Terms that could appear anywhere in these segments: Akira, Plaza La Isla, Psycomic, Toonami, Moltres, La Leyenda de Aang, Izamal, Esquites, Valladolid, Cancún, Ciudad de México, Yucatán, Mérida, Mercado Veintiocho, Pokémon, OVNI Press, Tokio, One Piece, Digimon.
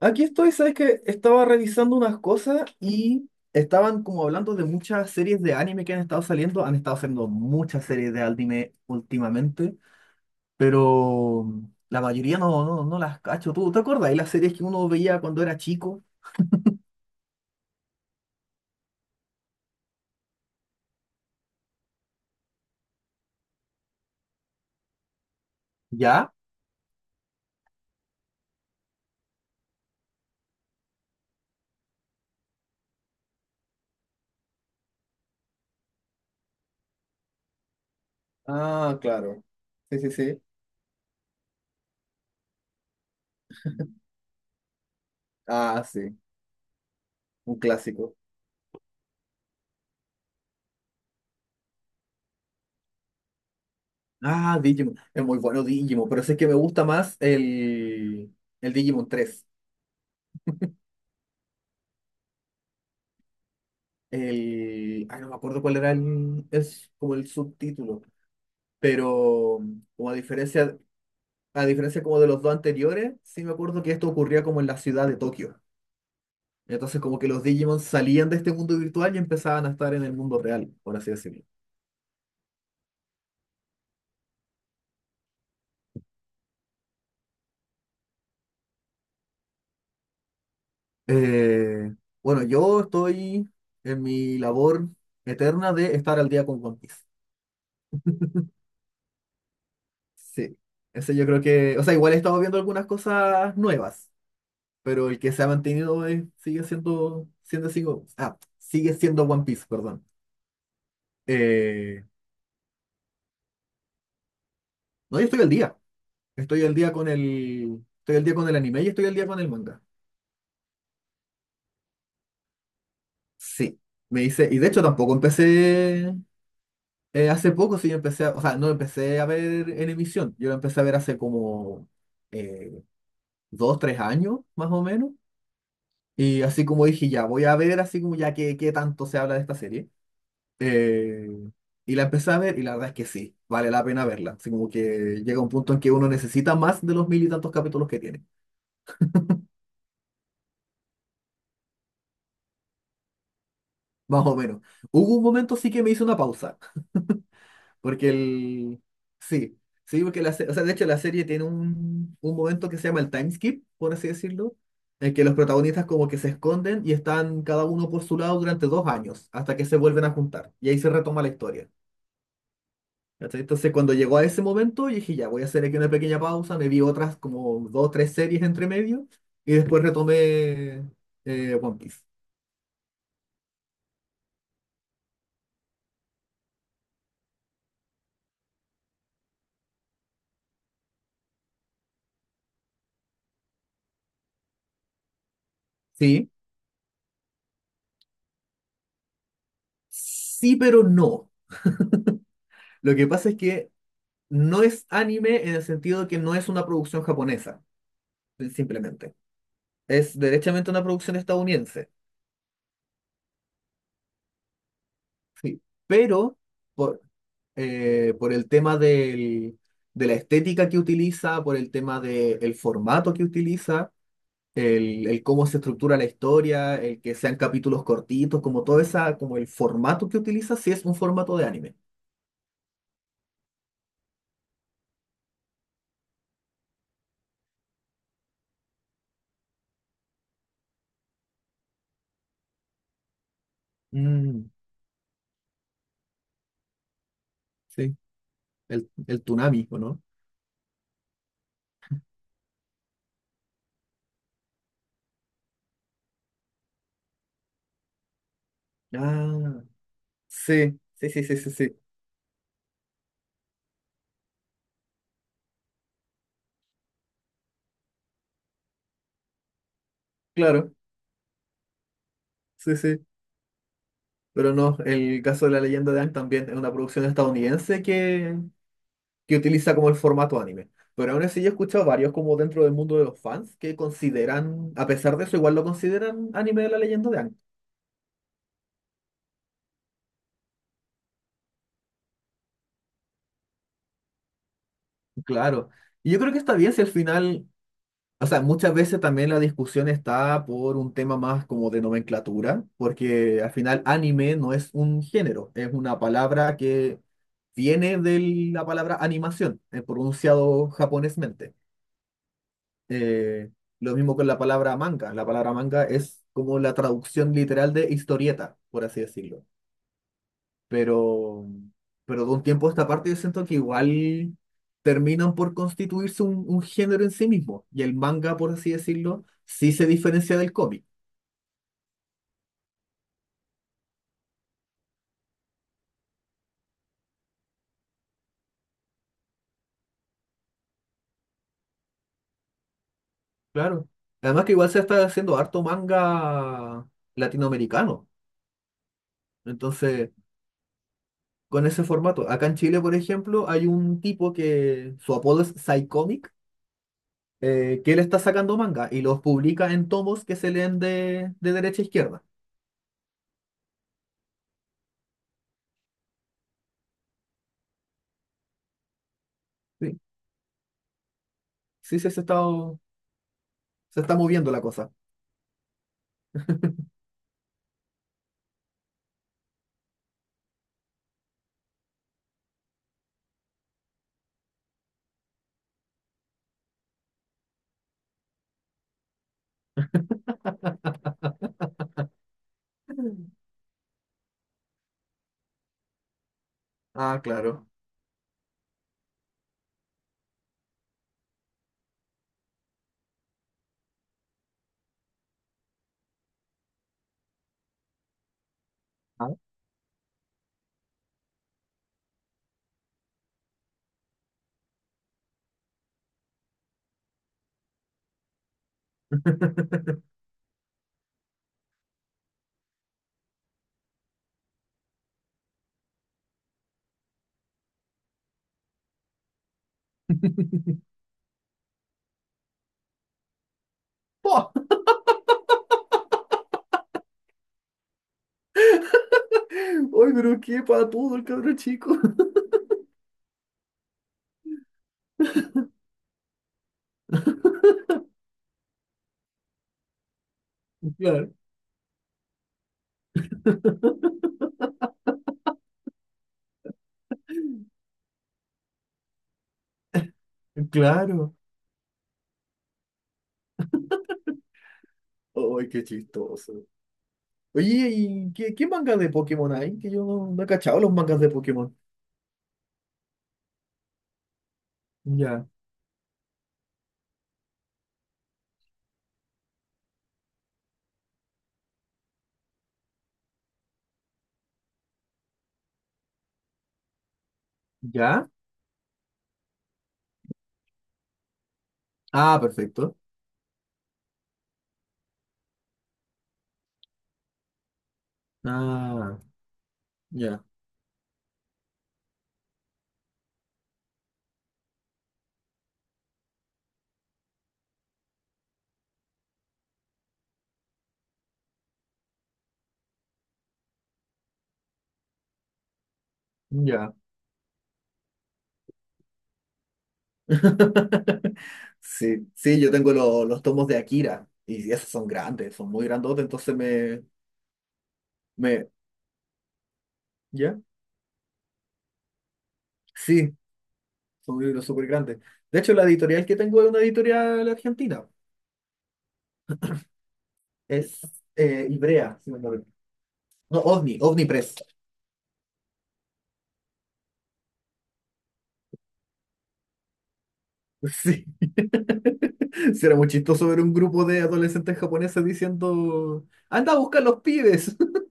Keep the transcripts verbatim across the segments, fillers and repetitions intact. Aquí estoy, sabes que estaba revisando unas cosas y estaban como hablando de muchas series de anime que han estado saliendo. Han estado saliendo muchas series de anime últimamente, pero la mayoría no, no, no las cacho. ¿Tú te acuerdas de las series que uno veía cuando era chico? ¿Ya? Ah, claro. Sí, sí, sí. Ah, sí. Un clásico. Ah, Digimon. Es muy bueno Digimon, pero sé que me gusta más el, el Digimon tres. El... Ay, no me acuerdo cuál era el... Es como el subtítulo. Pero como a diferencia, a diferencia como de los dos anteriores, sí me acuerdo que esto ocurría como en la ciudad de Tokio. Entonces como que los Digimon salían de este mundo virtual y empezaban a estar en el mundo real, por así decirlo. Eh, bueno, yo estoy en mi labor eterna de estar al día con One Piece. Sí, ese yo creo que, o sea, igual he estado viendo algunas cosas nuevas, pero el que se ha mantenido es- sigue siendo, siendo, sigo- ah, sigue siendo One Piece, perdón. Eh, no, yo estoy al día. Estoy al día con el, estoy al día con el anime y estoy al día con el manga. Sí. Me hice, y de hecho tampoco empecé eh, hace poco. Sí, yo empecé, a- o sea, no empecé a ver en emisión, yo lo empecé a ver hace como eh, dos, tres años, más o menos, y así como dije, ya voy a ver, así como ya que, qué tanto se habla de esta serie, eh, y la empecé a ver, y la verdad es que sí, vale la pena verla, así como que llega un punto en que uno necesita más de los mil y tantos capítulos que tiene, más o menos. Hubo un momento sí que me hice una pausa. Porque el... Sí, sí, porque la, se- o sea, de hecho la serie tiene un, un momento que se llama el time skip, por así decirlo, en que los protagonistas como que se esconden y están cada uno por su lado durante dos años, hasta que se vuelven a juntar. Y ahí se retoma la historia. ¿Cachai? Entonces cuando llegó a ese momento, yo dije, ya, voy a hacer aquí una pequeña pausa, me vi otras como dos, tres series entre medio, y después retomé eh, One Piece. Sí, sí, pero no. Lo que pasa es que no es anime en el sentido de que no es una producción japonesa, simplemente. Es derechamente una producción estadounidense. Sí. Pero por, eh, por el tema del- de la estética que utiliza, por el tema del formato que utiliza, el, el cómo se estructura la historia, el que sean capítulos cortitos, como todo esa, como el formato que utiliza, sí es un formato de anime. Mm, sí, el, el Toonami, ¿o no? Ah, sí, sí, sí, sí, sí, sí, claro, sí, sí. Pero no, el caso de La Leyenda de Aang también es una producción estadounidense que, que utiliza como el formato anime. Pero aún así yo he escuchado varios como dentro del mundo de los fans que consideran, a pesar de eso, igual lo consideran anime de La Leyenda de Aang. Claro. Y yo creo que está bien si al final, o sea, muchas veces también la discusión está por un tema más como de nomenclatura, porque al final anime no es un género, es una palabra que viene de la palabra animación, eh, pronunciado japonesmente. Eh, lo mismo con la palabra manga. La palabra manga es como la traducción literal de historieta, por así decirlo. Pero, pero de un tiempo a esta parte yo siento que igual terminan por constituirse un, un género en sí mismo. Y el manga, por así decirlo, sí se diferencia del cómic. Claro. Además que igual se está haciendo harto manga latinoamericano. Entonces, con ese formato. Acá en Chile, por ejemplo, hay un tipo que su apodo es Psycomic, eh, que él está sacando manga y los publica en tomos que se leen de, de derecha a izquierda. Sí, sí, sí, se está, se está moviendo la cosa. Ah, claro. Ah. ¡Pah! ¡Ay, pero qué para todo el cabrón chico! Claro, claro. ¡Ay, qué chistoso! Oye, ¿y qué, qué manga de Pokémon hay? Que yo no, no he cachado los mangas de Pokémon. Ya, ya. Ah, perfecto. Ah, ya, ya. Sí, sí, yo tengo lo- los tomos de Akira y esos son grandes, son muy grandotes, entonces me, me, ¿ya? Sí, son libros súper grandes. De hecho, la editorial que tengo es una editorial argentina, es eh, Ivrea, si no me equivoco. No, OVNI, OVNI Press. Sí, sí, era muy chistoso ver un grupo de adolescentes japoneses diciendo, anda a buscar los pibes.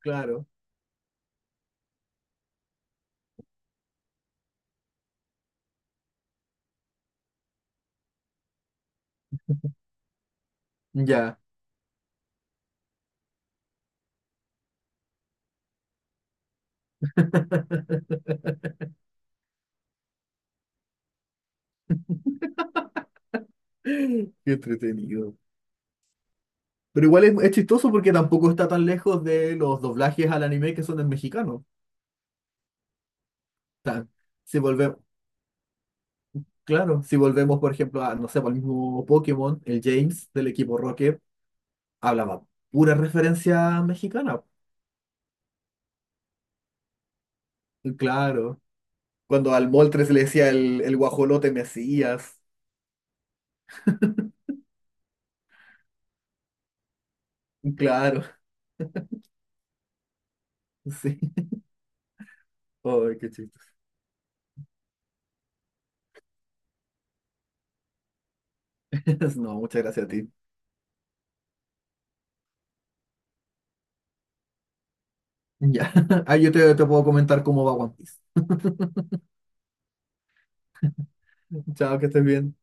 Claro, ya, qué entretenido. Pero igual es, es chistoso porque tampoco está tan lejos de los doblajes al anime que son en mexicano. O sea, si volvemos, claro, si volvemos, por ejemplo, a, no sé, al mismo Pokémon, el James del equipo Rocket hablaba pura referencia mexicana. Claro. Cuando al Moltres le decía el, el guajolote Mesías. Claro, sí. Ay, qué chistoso. No, muchas gracias a ti. Ya. Ah, yo te, te puedo comentar cómo va One Piece. Chao, que estés bien.